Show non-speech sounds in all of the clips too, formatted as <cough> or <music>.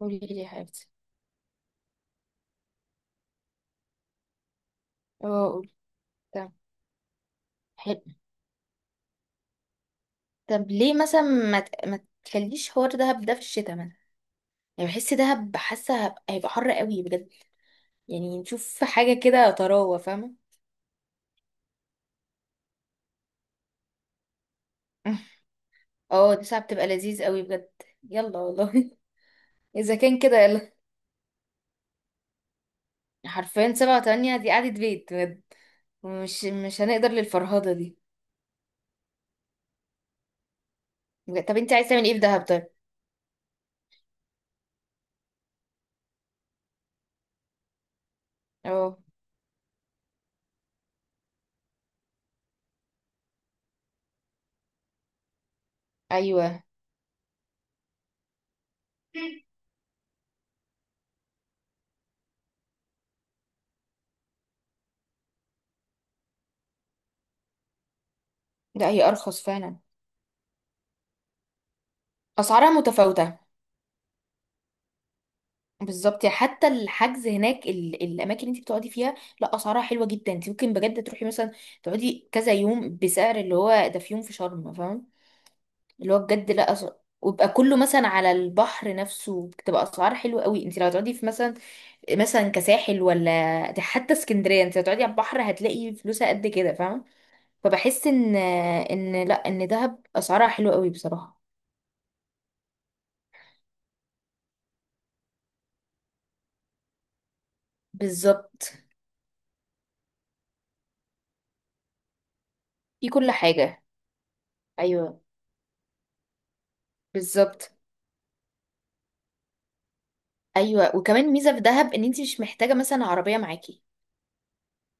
قولي لي يا حبيبتي. اه، قولي. طب حلو. طب ليه مثلا ما تخليش حوار دهب ده في الشتاء مثلا؟ يعني بحس دهب، هيبقى حر قوي بجد. يعني نشوف حاجه كده طراوه، فاهمه؟ <laughs> اه، دي ساعه بتبقى لذيذ قوي بجد. يلا والله <laughs> اذا كان كده يلا، حرفيا سبعة وتمانية دي قعدة بيت بجد. مش هنقدر للفرهدة دي. بجد. طب انت عايز تعمل ايه في دهب طيب؟ اه. ايوه. لا هي ارخص فعلا. اسعارها متفاوتة. بالظبط، يعني حتى الحجز هناك الاماكن اللي انت بتقعدي فيها. لا اسعارها حلوه جدا، انت ممكن بجد تروحي مثلا تقعدي كذا يوم بسعر اللي هو ده في يوم في شرم، فاهم؟ اللي هو بجد لا أس... ويبقى كله مثلا على البحر نفسه، بتبقى اسعار حلوه قوي. انت لو هتقعدي في مثلا مثلا كساحل ولا، ده حتى اسكندريه انت لو هتقعدي على البحر هتلاقي فلوسها قد كده، فاهم؟ فبحس ان ان لا ان دهب اسعارها حلوه قوي بصراحه. بالظبط، في كل حاجه. ايوه بالظبط. ايوه، وكمان ميزه في دهب ان انت مش محتاجه مثلا عربيه معاكي.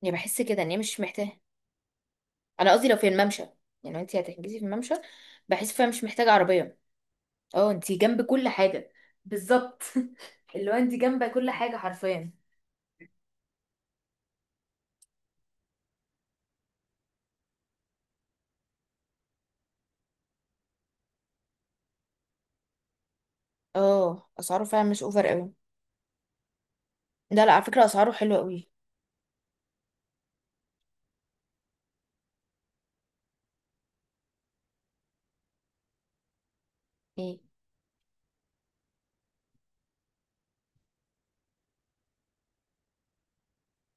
يعني بحس كده ان هي مش محتاجه. انا قصدي لو في الممشى، يعني لو انت هتحجزي في الممشى، بحس فيها مش محتاجه عربيه. اه انت جنب كل حاجه. بالظبط. <laughs> اللي هو انت جنب كل حاجه حرفيا. اه اسعاره فعلا مش اوفر قوي. لا لا، على فكره اسعاره حلوه قوي. ايه؟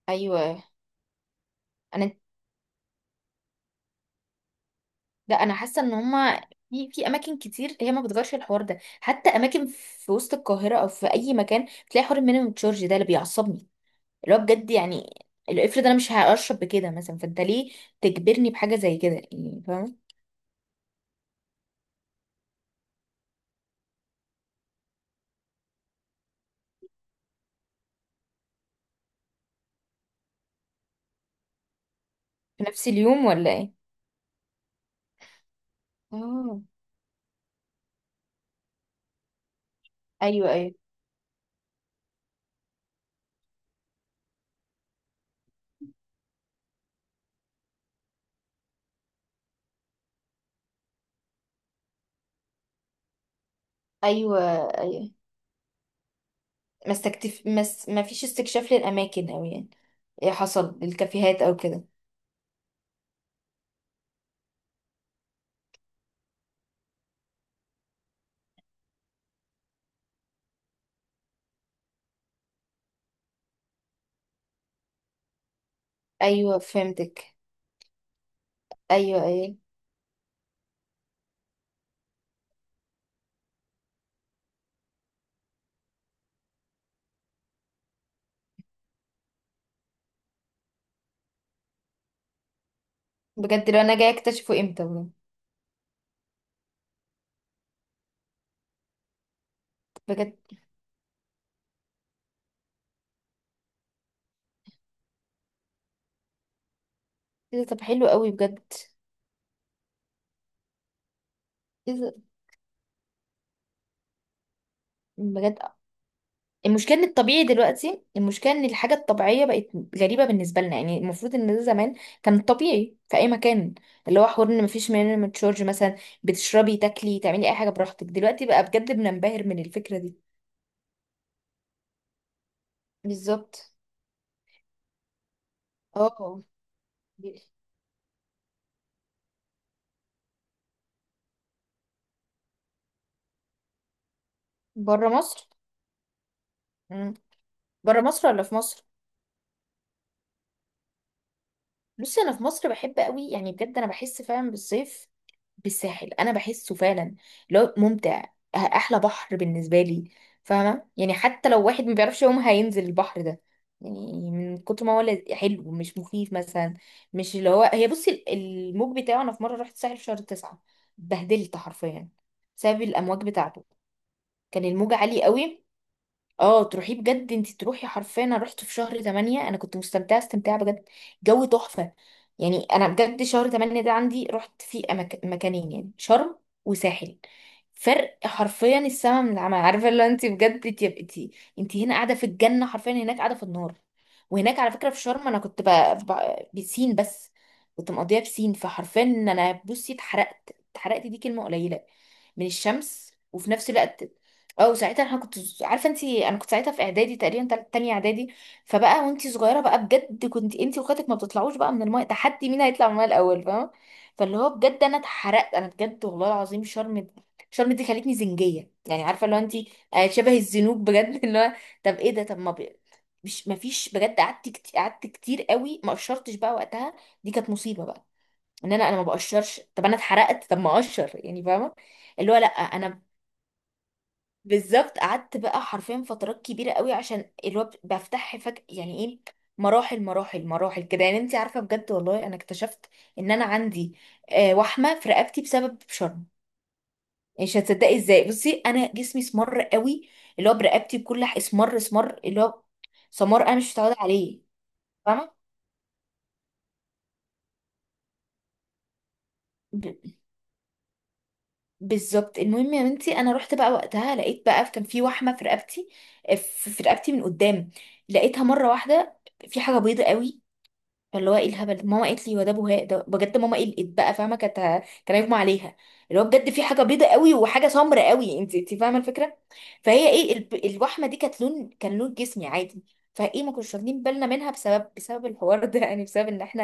ايوه. انا، لا انا حاسه ان هما في اماكن كتير هي ما بتغيرش الحوار ده. حتى اماكن في وسط القاهره او في اي مكان بتلاقي حوار المينيمم تشارج ده، اللي بيعصبني، اللي هو بجد، يعني اللي افرض انا مش هشرب بكده مثلا، فانت ليه تجبرني بحاجه زي كده يعني، فاهم؟ في نفس اليوم ولا ايه؟ اه. ايوه ايوه ايوه. ايوه ما استكتف ما, س... ما فيش استكشاف للاماكن او يعني ايه حصل للكافيهات او كده. ايوه فهمتك. ايوه ايوه. بجد لو انا جايه اكتشفه امتى بجد. بجد. إيه ده؟ طب حلو قوي بجد. إيه ده؟ بجد. المشكلة ان الطبيعي دلوقتي، المشكلة ان الحاجة الطبيعية بقت غريبة بالنسبة لنا. يعني المفروض ان ده زمان كان طبيعي في اي مكان، اللي هو حوار ان مفيش مينيمم تشارج مثلا. بتشربي تاكلي تعملي اي حاجة براحتك. دلوقتي بقى بجد بننبهر من الفكرة دي. بالظبط. اه، بره مصر. مم. بره مصر ولا في مصر. بصي انا في مصر بحب قوي، يعني بجد انا بحس فعلا بالصيف بالساحل، انا بحسه فعلا لو ممتع. احلى بحر بالنسبه لي، فاهمه؟ يعني حتى لو واحد ما بيعرفش يوم هينزل البحر ده، يعني من كتر ما هو حلو، مش مخيف مثلا. مش اللي هو هي، بصي الموج بتاعه، انا في مره رحت الساحل في شهر تسعة، بهدلت حرفيا بسبب الامواج بتاعته. كان الموج عالي قوي. اه تروحي بجد، انت تروحي حرفيا، انا رحت في شهر 8، انا كنت مستمتعه استمتاع بجد. جو تحفه. يعني انا بجد شهر 8 ده عندي رحت فيه مكانين، يعني شرم وساحل. فرق حرفيا السما من العمى <laughs> عارفه اللي هو انت بجد، انت انت هنا قاعده في الجنه، حرفيا هناك قاعده في النار. وهناك على فكره في شرم انا كنت بسين بس، كنت مقضيها بسين، فحرفيا ان انا بصي اتحرقت. اتحرقت دي كلمه قليله من الشمس. وفي نفس الوقت اه، وساعتها انا كنت عارفه انت، انا كنت ساعتها في اعدادي تقريبا تانية اعدادي. فبقى وانت صغيره بقى بجد، كنت انت واخواتك ما بتطلعوش بقى من المايه، تحدي مين هيطلع من المايه الاول، فاهمه؟ فاللي هو بجد انا اتحرقت انا بجد والله العظيم. شرم، شرم دي خلتني زنجيه يعني، عارفه اللي هو انت، آه، شبه الزنوج بجد <laughs> اللي هو، طب ايه ده، طب ما ب... مش ما فيش، بجد قعدت كتير قعدت كتير قوي، ما قشرتش بقى وقتها. دي كانت مصيبه بقى، ان انا ما بقشرش. طب انا اتحرقت، طب ما اقشر يعني، فاهمه؟ اللي هو لا، انا بالظبط قعدت بقى حرفيا فترات كبيره قوي عشان اللي هو بفتح فجأة، يعني ايه، مراحل مراحل مراحل كده، يعني انت عارفه بجد والله. انا اكتشفت ان انا عندي آه وحمه في رقبتي بسبب شرم. مش هتصدقي ازاي. بصي انا جسمي اسمر قوي، اللي هو برقبتي اسمر اسمر، اللي هو سمار انا مش متعوده عليه، فاهمه؟ ب- بالظبط، المهم يا بنتي انا رحت بقى وقتها، لقيت بقى كان في وحمه في رقبتي، آه، في رقبتي من قدام، لقيتها مره واحده في حاجه بيضه قوي. فاللي هو ايه الهبل ده؟ ماما قالت لي هو ده بهاق. ده بجد ماما قلقت بقى، فاهمه، كانت كان هيغمى عليها. اللي هو بجد في حاجه بيضه قوي وحاجه سمرة قوي، انت فاهمه الفكره. فهي ايه الوحمه دي كانت لون، كان لون جسمي عادي. فايه ما كناش واخدين بالنا منها بسبب الحوار ده <laughs> يعني بسبب ان احنا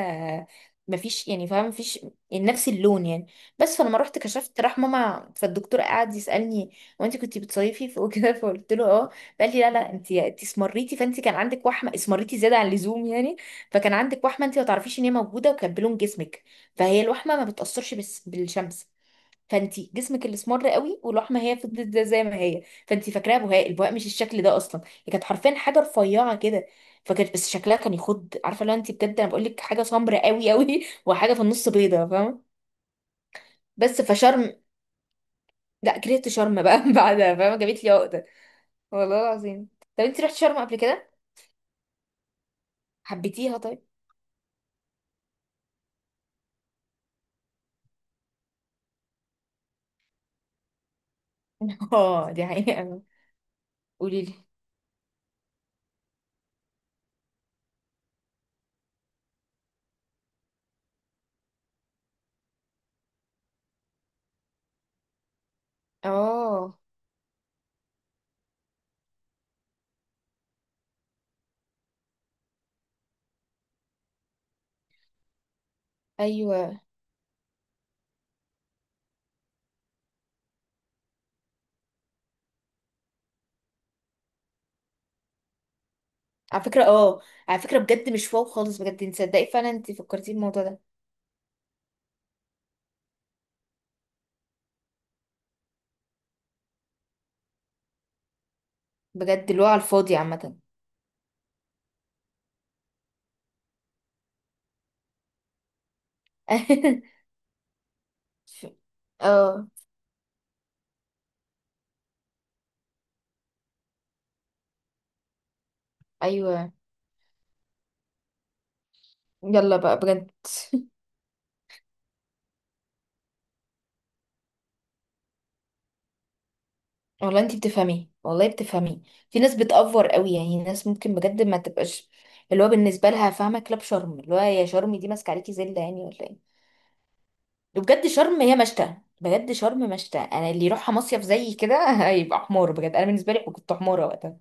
ما فيش، يعني فاهمه ما فيش يعني نفس اللون يعني. بس فلما رحت كشفت راح ماما فالدكتور قعد يسالني هو انت كنت بتصيفي وكده <laughs> فقلت له اه. قال لي لا لا، انت اسمريتي، فانت كان عندك وحمه، اسمريتي زياده عن اللزوم يعني، فكان عندك وحمه انت ما تعرفيش ان هي موجوده وكانت بلون جسمك. فهي الوحمه ما بتاثرش بس بالشمس، فانت جسمك اللي اسمر قوي والوحمه هي فضلت زي ما هي، فانت فاكراها بهاء، البهاء مش الشكل ده اصلا. هي كانت حرفيا حاجه رفيعه كده، فكانت بس شكلها كان يخض، عارفه لو انت بجد انا بقول لك حاجه سمراء قوي قوي <laughs> وحاجه في النص بيضه، فاهمه؟ بس فشرم، لا كرهت شرم بقى <laughs> بعدها، فاهمه، جابت لي عقده والله العظيم. طب انت رحت شرم قبل كده؟ حبيتيها طيب؟ <laughs> اه دي حقيقه. قولي لي. اه. ايوه على فكرة. اه على فكرة بجد مش واو خالص بجد، انت صدقي فعلا انت فكرتي الموضوع ده. بجد اللي هو على الفاضي عامة <laughs> اه. ايوه يلا بقى بجد. <laughs> والله انت بتفهمي والله بتفهمي. في ناس بتأفور قوي، يعني ناس ممكن بجد ما تبقاش، اللي هو بالنسبة لها فاهمة كلاب شرم، اللي هو يا شرم دي ماسكة عليكي زلة يعني ولا ايه؟ وبجد شرم هي مشتى، بجد شرم مشتى، انا اللي يروحها مصيف زي كده <laughs> هيبقى حمار، بجد انا بالنسبة لي كنت حمارة وقتها.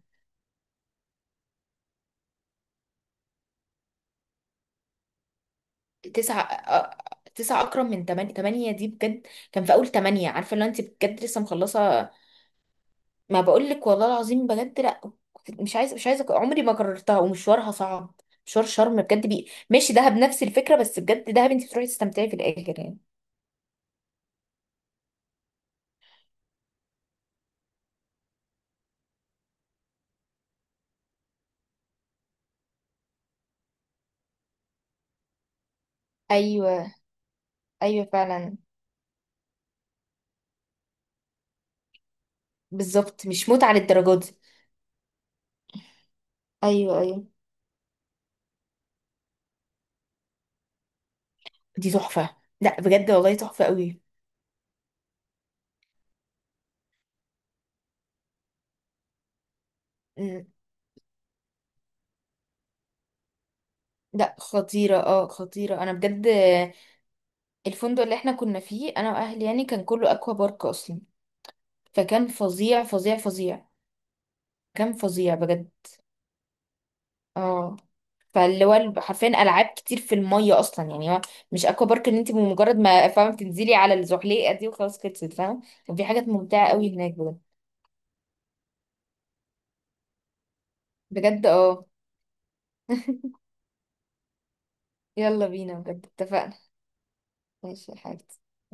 تسعة آه، تسعة أكرم من تمانية. تمانية دي بجد كان في أول تمانية، عارفة اللي هو أنت بجد لسه مخلصة. ما بقولك والله العظيم بجد لأ، مش عايزة مش عايزة، عمري ما كررتها ومشوارها صعب، مشوار شرم بجد. بي ماشي دهب نفس الفكرة، بس بجد دهب أنت بتروحي تستمتعي في الآخر يعني. ايوه. ايوه فعلا. بالظبط مش متعة للدرجة دي. ايوه ايوه. دي تحفة لأ بجد والله تحفة قوي. مم. لأ خطيرة اه خطيرة أنا بجد. الفندق اللي احنا كنا فيه انا واهلي يعني كان كله اكوا بارك اصلا، فكان فظيع فظيع فظيع. كان فظيع بجد. اه فاللي هو حرفيا العاب كتير في الميه اصلا، يعني هو مش اكوا بارك ان انت بمجرد ما، فاهمه، بتنزلي على الزحليقه دي وخلاص خلصت، فاهمه؟ كان في حاجات ممتعه قوي هناك بجد. بجد اه. <laughs> يلا بينا بجد اتفقنا. ماشي يا حاج.